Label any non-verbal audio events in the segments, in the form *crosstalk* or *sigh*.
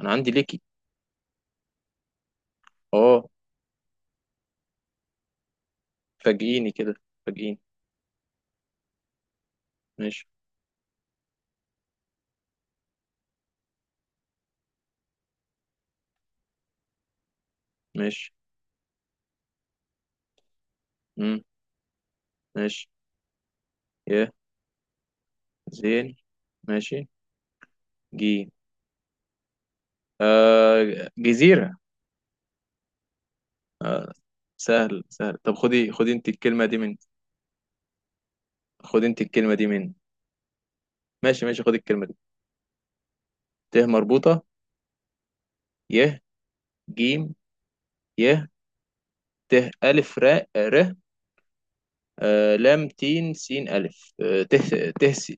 انا عندي ليكي. اه. فاجئيني كده. فاجئيني. ماشي. ماشي. امم. ماشي. يا. زين. ماشي. جي. آه جزيرة. آه. سهل سهل. طب خدي خدي انت الكلمة دي من. خدي انت الكلمة دي من. ماشي ماشي خدي الكلمة دي. ت مربوطة. ي. جيم. ي. ت. ألف راء ر. آه لام تين سين ألف آه ت. ت س-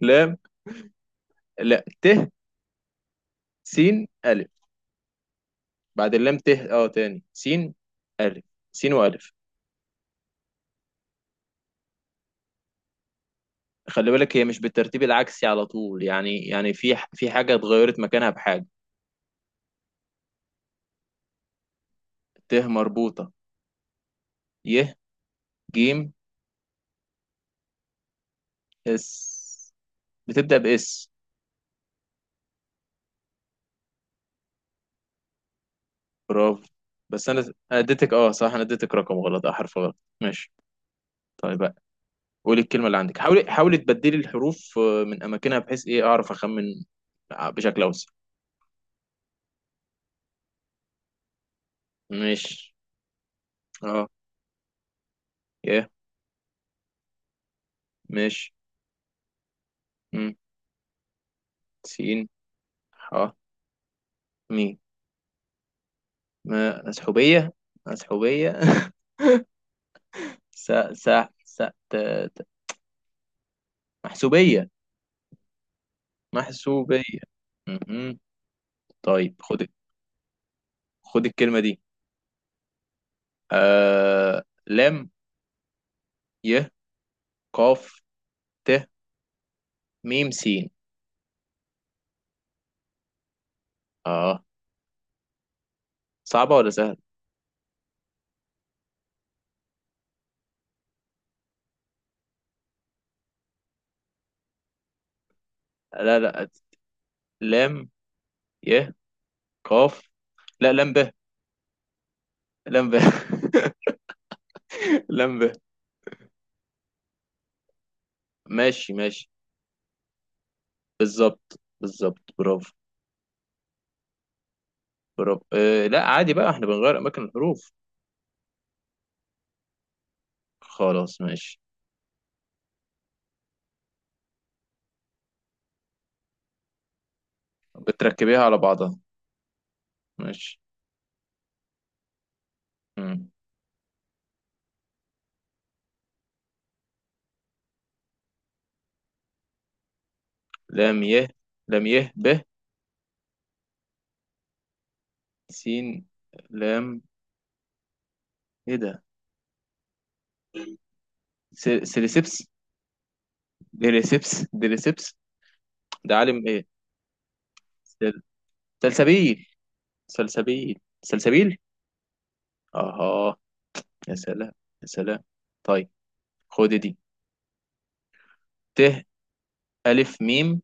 لام. لا ت. سين ألف. بعد اللام ت اه تاني سين. ألف. سين وألف. خلي بالك هي مش بالترتيب العكسي على طول يعني يعني في في حاجة اتغيرت مكانها بحاجة. ت مربوطة. ي. جيم. اس. بتبدأ بإس. برافو. بس أنا. أنا اديتك أه صح، أنا اديتك رقم غلط، أه حرف غلط. ماشي. طيب بقى. قولي الكلمة اللي عندك، حاولي حاولي تبدلي الحروف من أماكنها بحيث إيه أعرف أخمن بشكل أوسع. ماشي. أه. ي. ماشي. م. سين. ح. ميم. مسحوبية. مسحوبية. *laughs* س. س. س. ت. محسوبية. محسوبية. مهم. طيب خد. خد الكلمة دي. لام. ي. قاف. ت. ميم سين. اه. صعبة ولا سهلة؟ لا لا. لام ي قاف. لا لام ب. لام ب. *laughs* لام ب. ماشي ماشي. بالظبط بالظبط. برافو. برافو لا عادي بقى احنا بنغير أماكن الحروف. خلاص ماشي. بتركبيها على بعضها. ماشي. مم. لام ي. لام ي ب. سين. لام. ايه ده. سيريسيبس. ديريسيبس. ديريسيبس. ده عالم ايه؟ سل- سلسبيل. سلسبيل. سلسبيل. اها. يا سلام. يا سلام. طيب. خد دي. ت. الف ميم.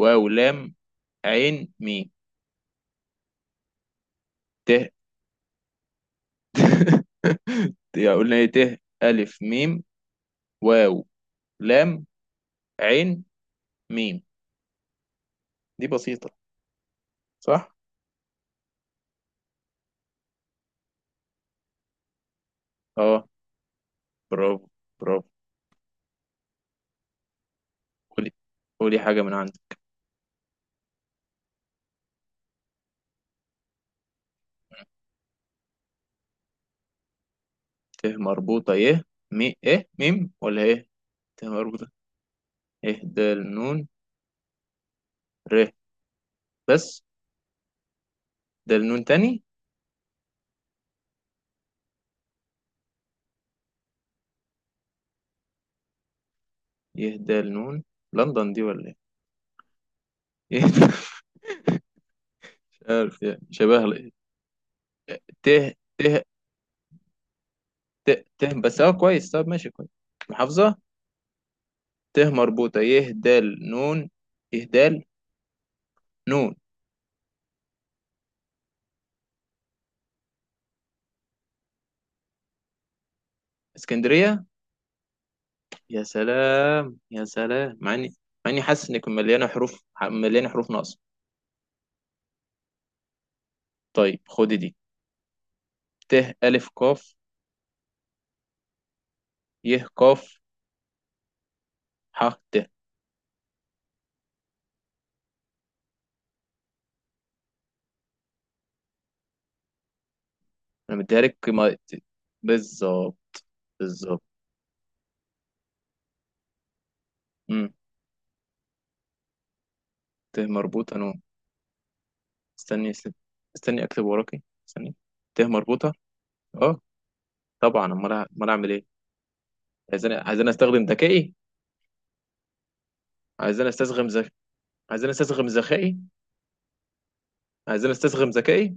واو لام. عين ميم. ت. *laughs* يا قلنا ايه. ت الف ميم. واو. لام. عين. ميم. دي بسيطة. صح. اه. برافو. برافو. قولي. قولي حاجة من عندك. ت مربوطة يه. مي ايه ميم ولا ايه. ت مربوطة. يهدى النون. ر. بس. ده النون تاني. يهدى النون. لندن دي ولا ايه؟ *laughs* يهدى. مش عارف، يعني شبه ت. ت. ت. ت بس اه كويس، طب ماشي كويس. محافظة. ت مربوطة يهدى النون. يهدى. نون. اسكندرية. يا سلام يا سلام. مع اني. مع اني حاسس ان كنت مليانة حروف، مليانة حروف ناقصة. طيب خدي دي. ت. ألف قاف. يه قاف. ح. ت. انا مديها لك ما- بالظبط. بالظبط. ت مربوطة نون. استني س- استني أكتب وراكي. استني. ت مربوطة. أه. طبعا، أمال أعمل إيه. عايزين عايزين أستخدم ذكائي. عايزين أستسغم ذكائي. عايزين أستسغم ذكائي. عايزين أستسغم ذكائي.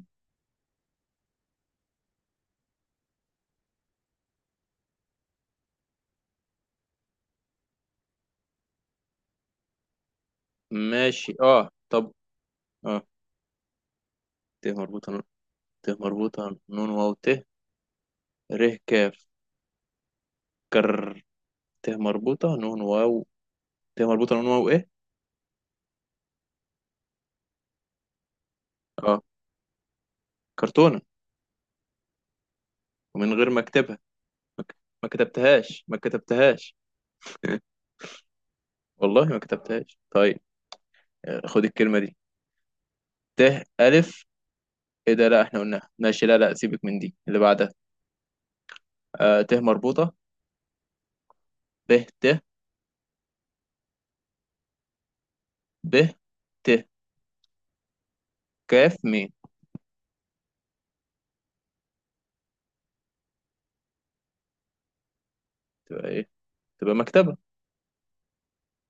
ماشي أه طب. أه. ت مربوطة نون. ت مربوطة نون واو ت. ر. كاف. كر. ت مربوطة نون واو. ت مربوطة نون واو إيه. أه. كرتونة. ومن غير ما أكتبها. ما ك- ما كتبتهاش. ما كتبتهاش. والله ما كتبتهاش. طيب خد الكلمة دي. ت. ألف. ايه ده، لا احنا قلناها. ماشي لا لا، سيبك من دي اللي بعدها. آه ت مربوطة. ب. ت. ب. ت. كاف ميم. تبقى ايه؟ تبقى مكتبة.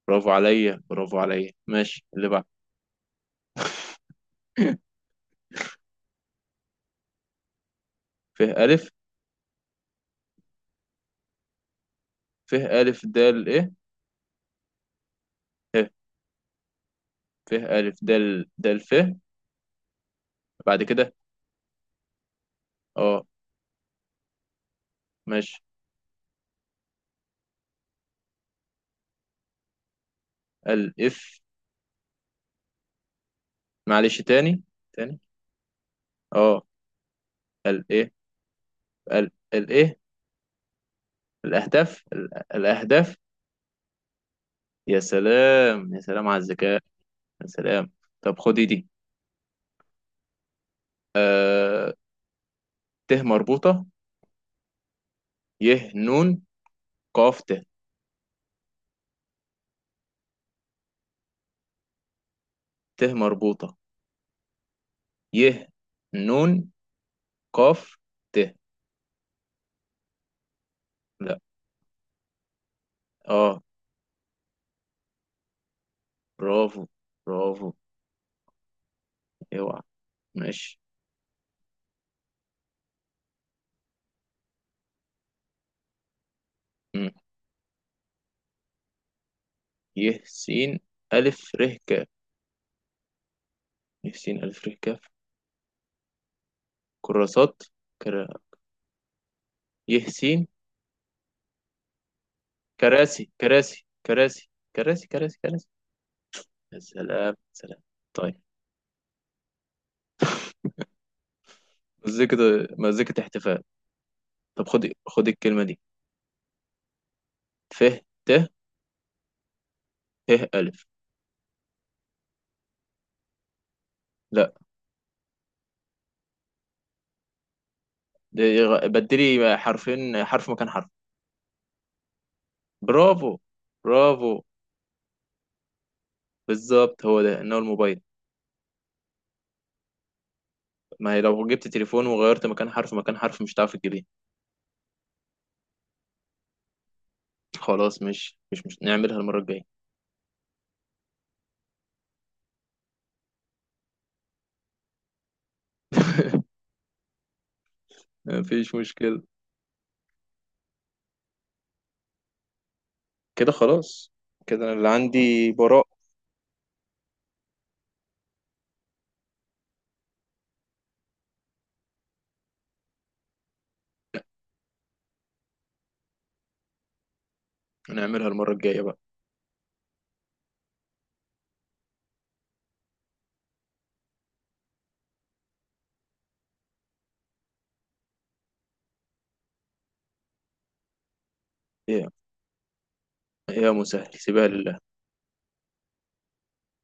برافو عليا. برافو عليا. ماشي اللي بعد. ف. ألف. ف ألف دال ايه. ه. ف ألف دال دال ف. بعد كده. اه. ماشي. الإف. معلش تاني. تاني. اه. ال ايه. ال ال ايه. الأهداف. يا سلام. يا سلام على الذكاء. يا سلام. طب خدي دي. ت مربوطة. ي نون. قاف ت. ت مربوطة. ي. نون. قاف. ت. لا. اه. برافو. برافو. اوعى. ماشي. مم. ي. س. ألف ر. ك. ي س ألف ر ك. كراسات. كرا. ي س. كراسي كراسي كراسي. كراسي كراسي كراسي. يا سلام سلام. طيب. مزيكة. مزيكة احتفال. طب خد خد الكلمة دي. ف. ت. ه ألف. لا، بدلي حرفين، حرف مكان حرف. برافو. برافو. بالظبط هو ده، انه الموبايل. ما هي لو جبت تليفون وغيرت مكان حرف مكان حرف مش هتعرف تجيبيه. خلاص، مش نعملها المرة الجاية. *laughs* مفيش مشكلة. كده خلاص. كده انا اللي عندي براء. نعملها المرة الجاية بقى. يا. يا مسهل سيبها لله.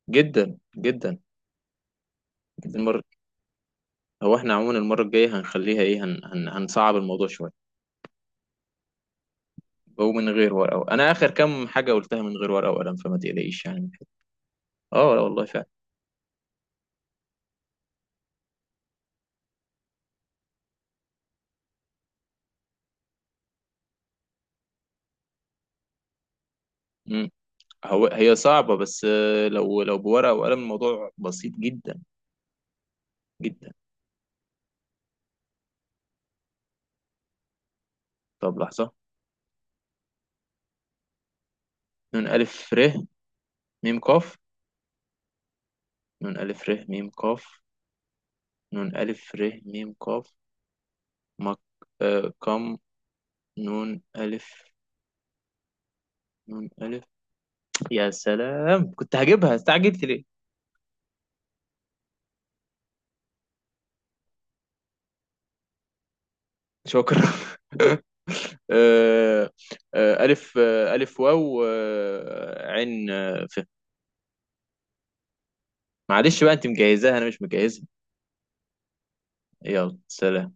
جدا جدا. المرة. هو احنا عموما المرة الجاية هنخليها ايه، هنصعب الموضوع شوية. ومن غير ورقة. انا اخر كام حاجة قلتها من غير ورقة وقلم، فما تقلقيش يعني. اه لا والله فعلا. مم. هو هي صعبة بس، لو لو بورقة وقلم الموضوع بسيط جدا. جدا. طب لحظة. نون ألف ر ميم قاف. نون ألف ر ميم قاف. نون ألف ر ميم قاف. مك. آه كم. نون ألف. نون ألف. يا سلام. كنت هجيبها، استعجلت ليه؟ شكرا. *laughs* آه، ألف ألف واو عين ف. معلش بقى، أنت مجهزاها أنا مش مجهزها. يلا سلام.